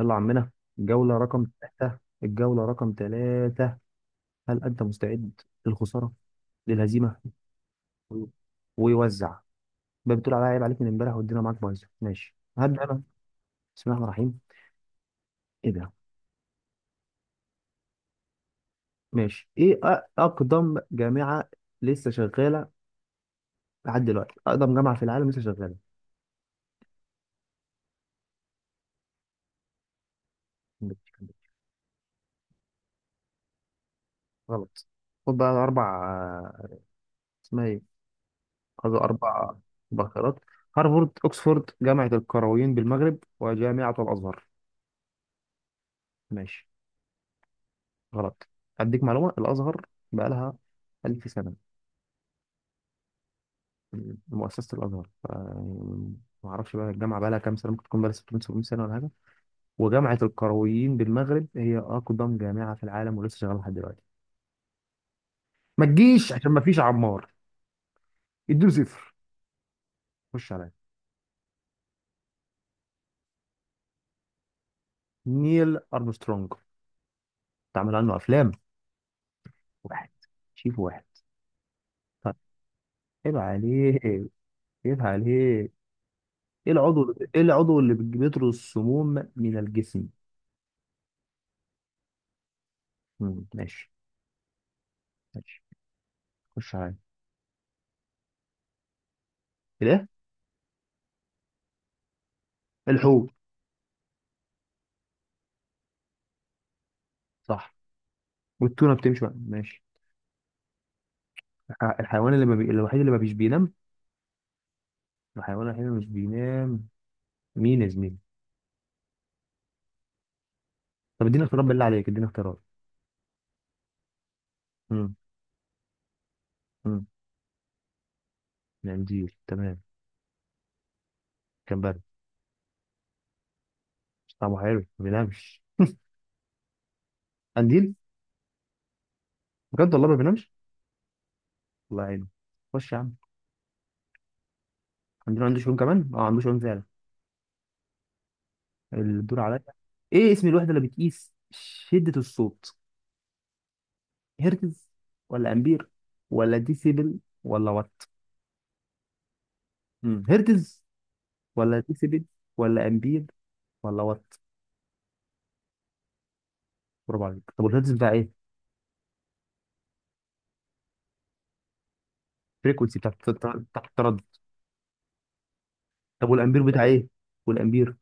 يلا يا عمنا. الجولة رقم ثلاثة. هل أنت مستعد للخسارة، للهزيمة؟ ويوزع بقى. بتقول عليا عيب عليك من امبارح والدنيا معاك بايظة، ماشي هبدأ أنا. بسم الله الرحمن الرحيم. إيه ده؟ ماشي. إيه أقدم جامعة لسه شغالة لحد دلوقتي، أقدم جامعة في العالم لسه شغالة؟ غلط. خد بقى أربع، اسمها إيه، خد أربع بكرات: هارفارد، أكسفورد، جامعة القرويين بالمغرب، وجامعة الأزهر. ماشي. غلط. أديك معلومة، الأزهر بقالها ألف سنة. مؤسسة الأزهر يعني، ما أعرفش بقى الجامعة بقالها كام سنة، ممكن تكون بقالها 600 700 سنة ولا حاجة. وجامعة القرويين بالمغرب هي أقدم جامعة في العالم ولسه شغالة لحد دلوقتي. ما تجيش عشان ما فيش عمار. اديله صفر. خش عليا. نيل أرمسترونج، اتعمل عنه أفلام. واحد، شيف واحد. طيب. عيب عليك. عيب عليك. ايه العضو، ايه العضو اللي بيطرد السموم من الجسم؟ ماشي. ماشي. خش عليا. الايه؟ الحوت. صح، والتونة بتمشي بقى. ماشي. الحيوان اللي ما بي... الوحيد اللي ما بيش بينام، الحيوان الوحيد اللي مش بينام. مين يا زميلي؟ طب اديني اختيارات، بالله عليك اديني اختيارات. امم. امم. القنديل تمام. كمبري؟ طعمه حلو، ما بينامش. قنديل؟ بجد والله ما بينامش. الله يعينه. خش يا عم. قنديل عنده شؤون كمان، اه عنده شؤون فعلا. الدور عليا. ايه اسم الوحدة اللي بتقيس شدة الصوت؟ هرتز، ولا امبير، ولا ديسيبل، ولا وات؟ مم. هرتز، ولا ديسيبل، ولا امبير، والله وات؟ برافو عليك. طب والهيرتز بتاع ايه؟ الفريكونسي، بتاع التردد. طب والامبير بتاع ايه؟ والامبير؟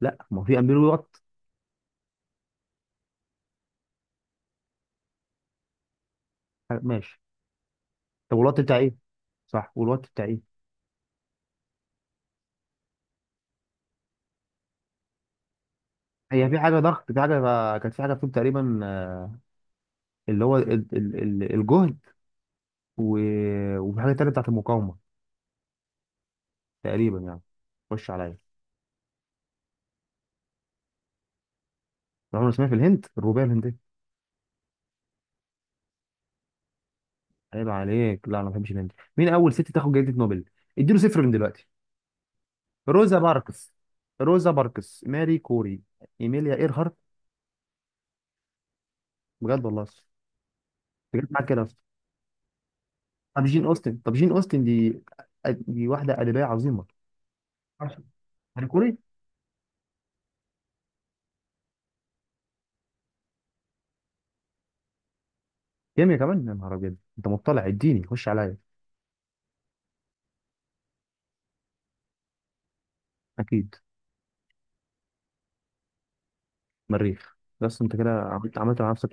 لا، ما هو في امبير، وات. ماشي. طب والوات بتاع ايه؟ صح، والوات بتاع ايه؟ هي في حاجه ضغط، في حاجه كانت، في حاجه فيهم تقريبا، آه، اللي هو الجهد و... وفي حاجه تانيه بتاعت المقاومه، تقريبا يعني. خش عليا. رغم اسمها في الهند، الروبيه الهنديه. عيب عليك، لا انا ما بحبش الهند. مين اول ست تاخد جائزه نوبل؟ اديله صفر من دلوقتي. روزا باركس، روزا باركس، ماري كوري، ايميليا ايرهارت؟ بجد والله؟ بجد معاك كده؟ طب جين اوستن، طب جين اوستن دي، دي واحده ادبيه عظيمه. عشرة هنكوري. كيميا كمان؟ يا نهار ابيض، انت مطلع، اديني. خش عليا. اكيد. مريخ. بس انت كده عملت مع نفسك.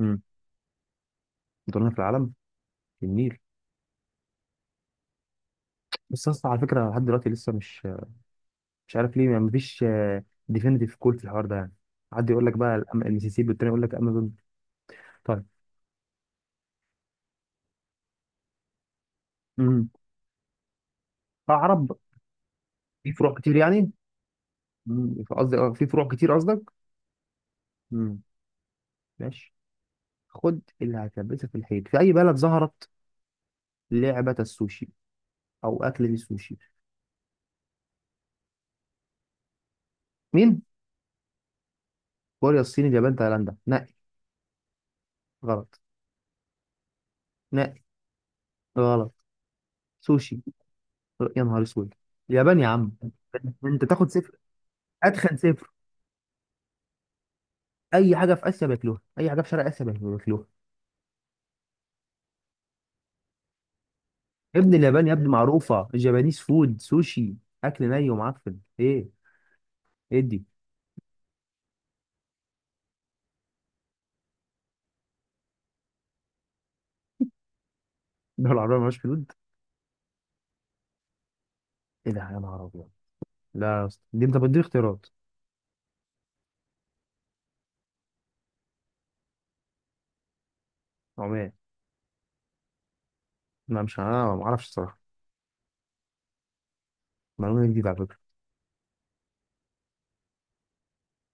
امم. دورنا في العالم، في النيل. بس اصلا على فكره، لحد دلوقتي لسه مش، مش عارف ليه ما فيش ديفينيتيف كول في الحوار ده يعني. حد يقول لك بقى المسيسيبي، والتاني يقول لك امازون. طيب. امم. عرب. في فروع كتير يعني. قصدي، آه، في فروع كتير قصدك. امم. ماشي. خد اللي هتلبسها في الحيط. في اي بلد ظهرت لعبة السوشي او اكلة السوشي؟ مين؟ كوريا، الصين، اليابان، تايلاندا، نقي. غلط. نقي. غلط. سوشي. يا نهار اسود، اليابان يا عم. انت تاخد صفر. اتخن صفر. اي حاجه في اسيا بياكلوها، اي حاجه في شرق اسيا بياكلوها. يا ابن اليابان يا ابني، معروفه الجابانيز فود سوشي. اكل ني ومعفن، ايه؟ ايه دي؟ الدول العربيه مالهاش حدود؟ ايه ده يا نهار ابيض! لا يا اسطى، دي انت بتديني اختيارات. عمال. ما مش انا ما اعرفش الصراحه. معلومه جديده على فكره.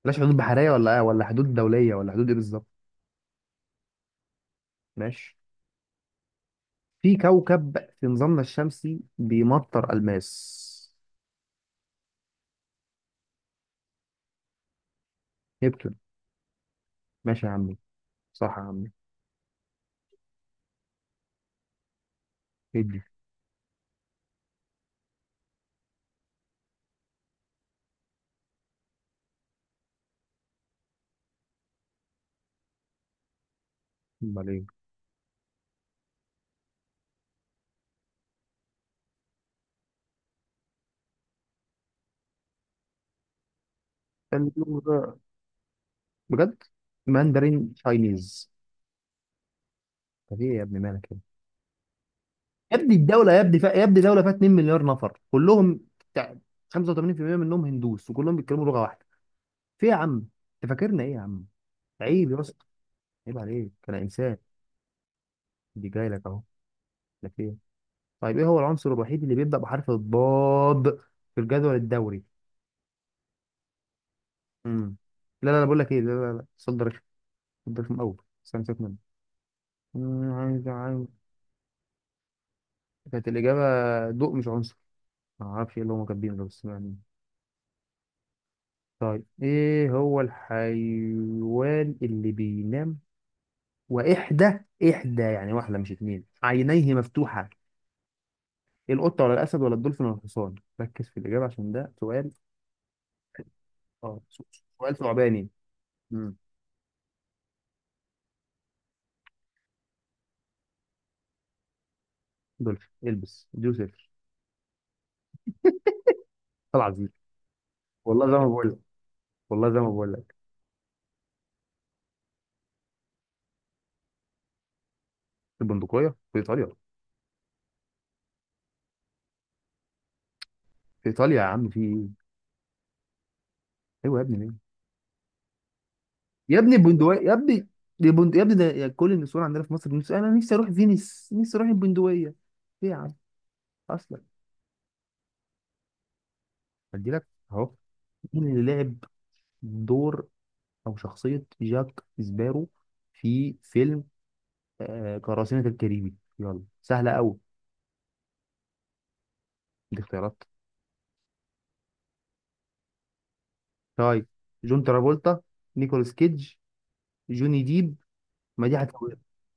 بلاش حدود بحريه ولا آه، ولا حدود دوليه ولا حدود ايه بالظبط؟ ماشي. في كوكب في نظامنا الشمسي بيمطر الماس. نبتون. ماشي يا عمي. صح يا عمي. ادي. امال ايه. كان- بجد. ماندرين تشاينيز. طب ايه يا ابني مالك كده؟ يا ابني الدوله يا ابني يا ابني دوله فيها 2 مليار نفر كلهم بتاع، 85% منهم هندوس وكلهم بيتكلموا لغه واحده. في إيه يا عم؟ انت فاكرنا ايه يا عم؟ عيب يا اسطى، عيب عليك، انا انسان. دي جاي لك اهو. لك ايه؟ طيب ايه هو العنصر الوحيد اللي بيبدأ بحرف الضاد في الجدول الدوري؟ امم. لا لا لا، بقول لك ايه، لا لا لا، صدر رخم، صدر رخم قوي. استنى سيبك منه. عايز. كانت الإجابة ضوء، مش عنصر. ما اعرفش ايه اللي هم كاتبينه ده، بس يعني. طيب ايه هو الحيوان اللي بينام وإحدى، إحدى يعني واحدة مش اتنين، عينيه مفتوحة؟ القطة ولا الأسد ولا الدولفين ولا الحصان؟ ركز في الإجابة عشان ده سؤال. اه، سؤال ثعباني. امم. دولفين، البس اديله صفر. طلع. والله زي ما بقول لك، والله زي ما بقول لك. البندقية في إيطاليا. في إيطاليا يا عم، في إيه؟ أيوة يا ابني، ليه؟ يا ابني البندقية يا ابني، يا ابني ده، يا كل النسوان عندنا في مصر بنسوا، أنا نفسي أروح فينيس، نفسي أروح البندقية. ليه يا عم؟ أصلا. ادي لك اهو. مين اللي لعب دور أو شخصية جاك سبارو في فيلم، آه، قراصنة الكاريبي؟ يلا سهلة أوي. دي اختيارات. طيب: جون ترافولتا، نيكولاس كيدج، جوني ديب. ما دي هتسوي.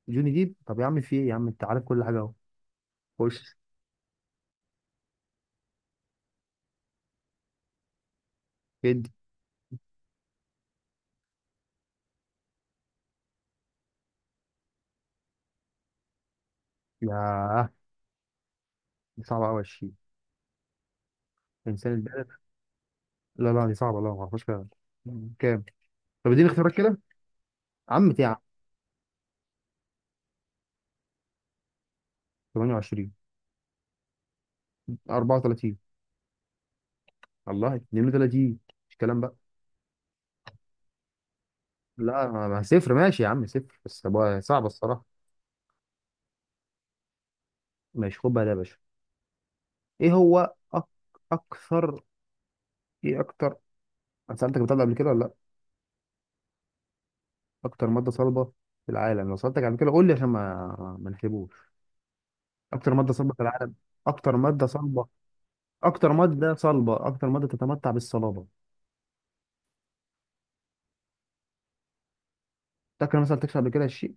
جوني ديب. طب يا عم، في ايه يا عم انت عارف كل حاجه اهو. خش. ادي. ياه، دي صعبه قوي. 20؟ انسان البلد. لا لا دي صعبه، لا ما اعرفهاش فعلا. كام؟ طب اديني اختيارات كده. عم يا عم. 28، 34، الله 32. مش كلام بقى. لا ما ما صفر ماشي يا عم، صفر بس بقى، صعبه الصراحه. ماشي خد بقى ده يا باشا. ايه هو اكثر، ايه اكتر، انا سالتك بتاع ده قبل كده ولا لا؟ اكتر ماده صلبه في العالم، لو سالتك قبل كده قول لي عشان ما نحسبوش. اكتر ماده صلبه في العالم، اكتر ماده صلبه، اكتر ماده صلبه، اكتر ماده تتمتع بالصلابه. تاكل مثلا، تكشف قبل كده الشيء.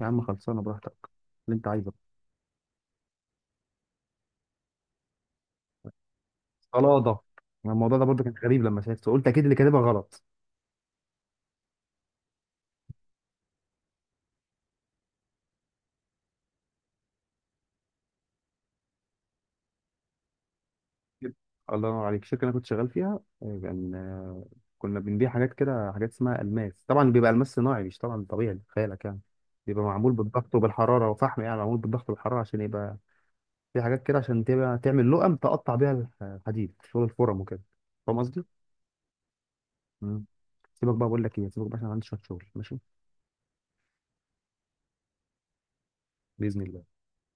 يا عم خلصانه براحتك اللي انت عايزه. صلاده. أنا الموضوع ده برضه كان غريب لما شفته، قلت اكيد اللي كاتبها غلط. كده. الله ينور عليك. الشركه اللي انا كنت شغال فيها، آه، كان، آه، كنا بنبيع حاجات كده، حاجات اسمها الماس طبعا، بيبقى الماس صناعي مش طبعا طبيعي خيالك يعني، بيبقى معمول بالضغط وبالحراره وفحم يعني، معمول بالضغط والحراره عشان يبقى في حاجات كده، عشان تبقى تعمل لقم تقطع بيها الحديد شغل الفرم وكده. فاهم قصدي؟ مم. سيبك بقى، بقول لك ايه سيبك بقى، عشان عندي شويه شغل، ماشي. باذن الله.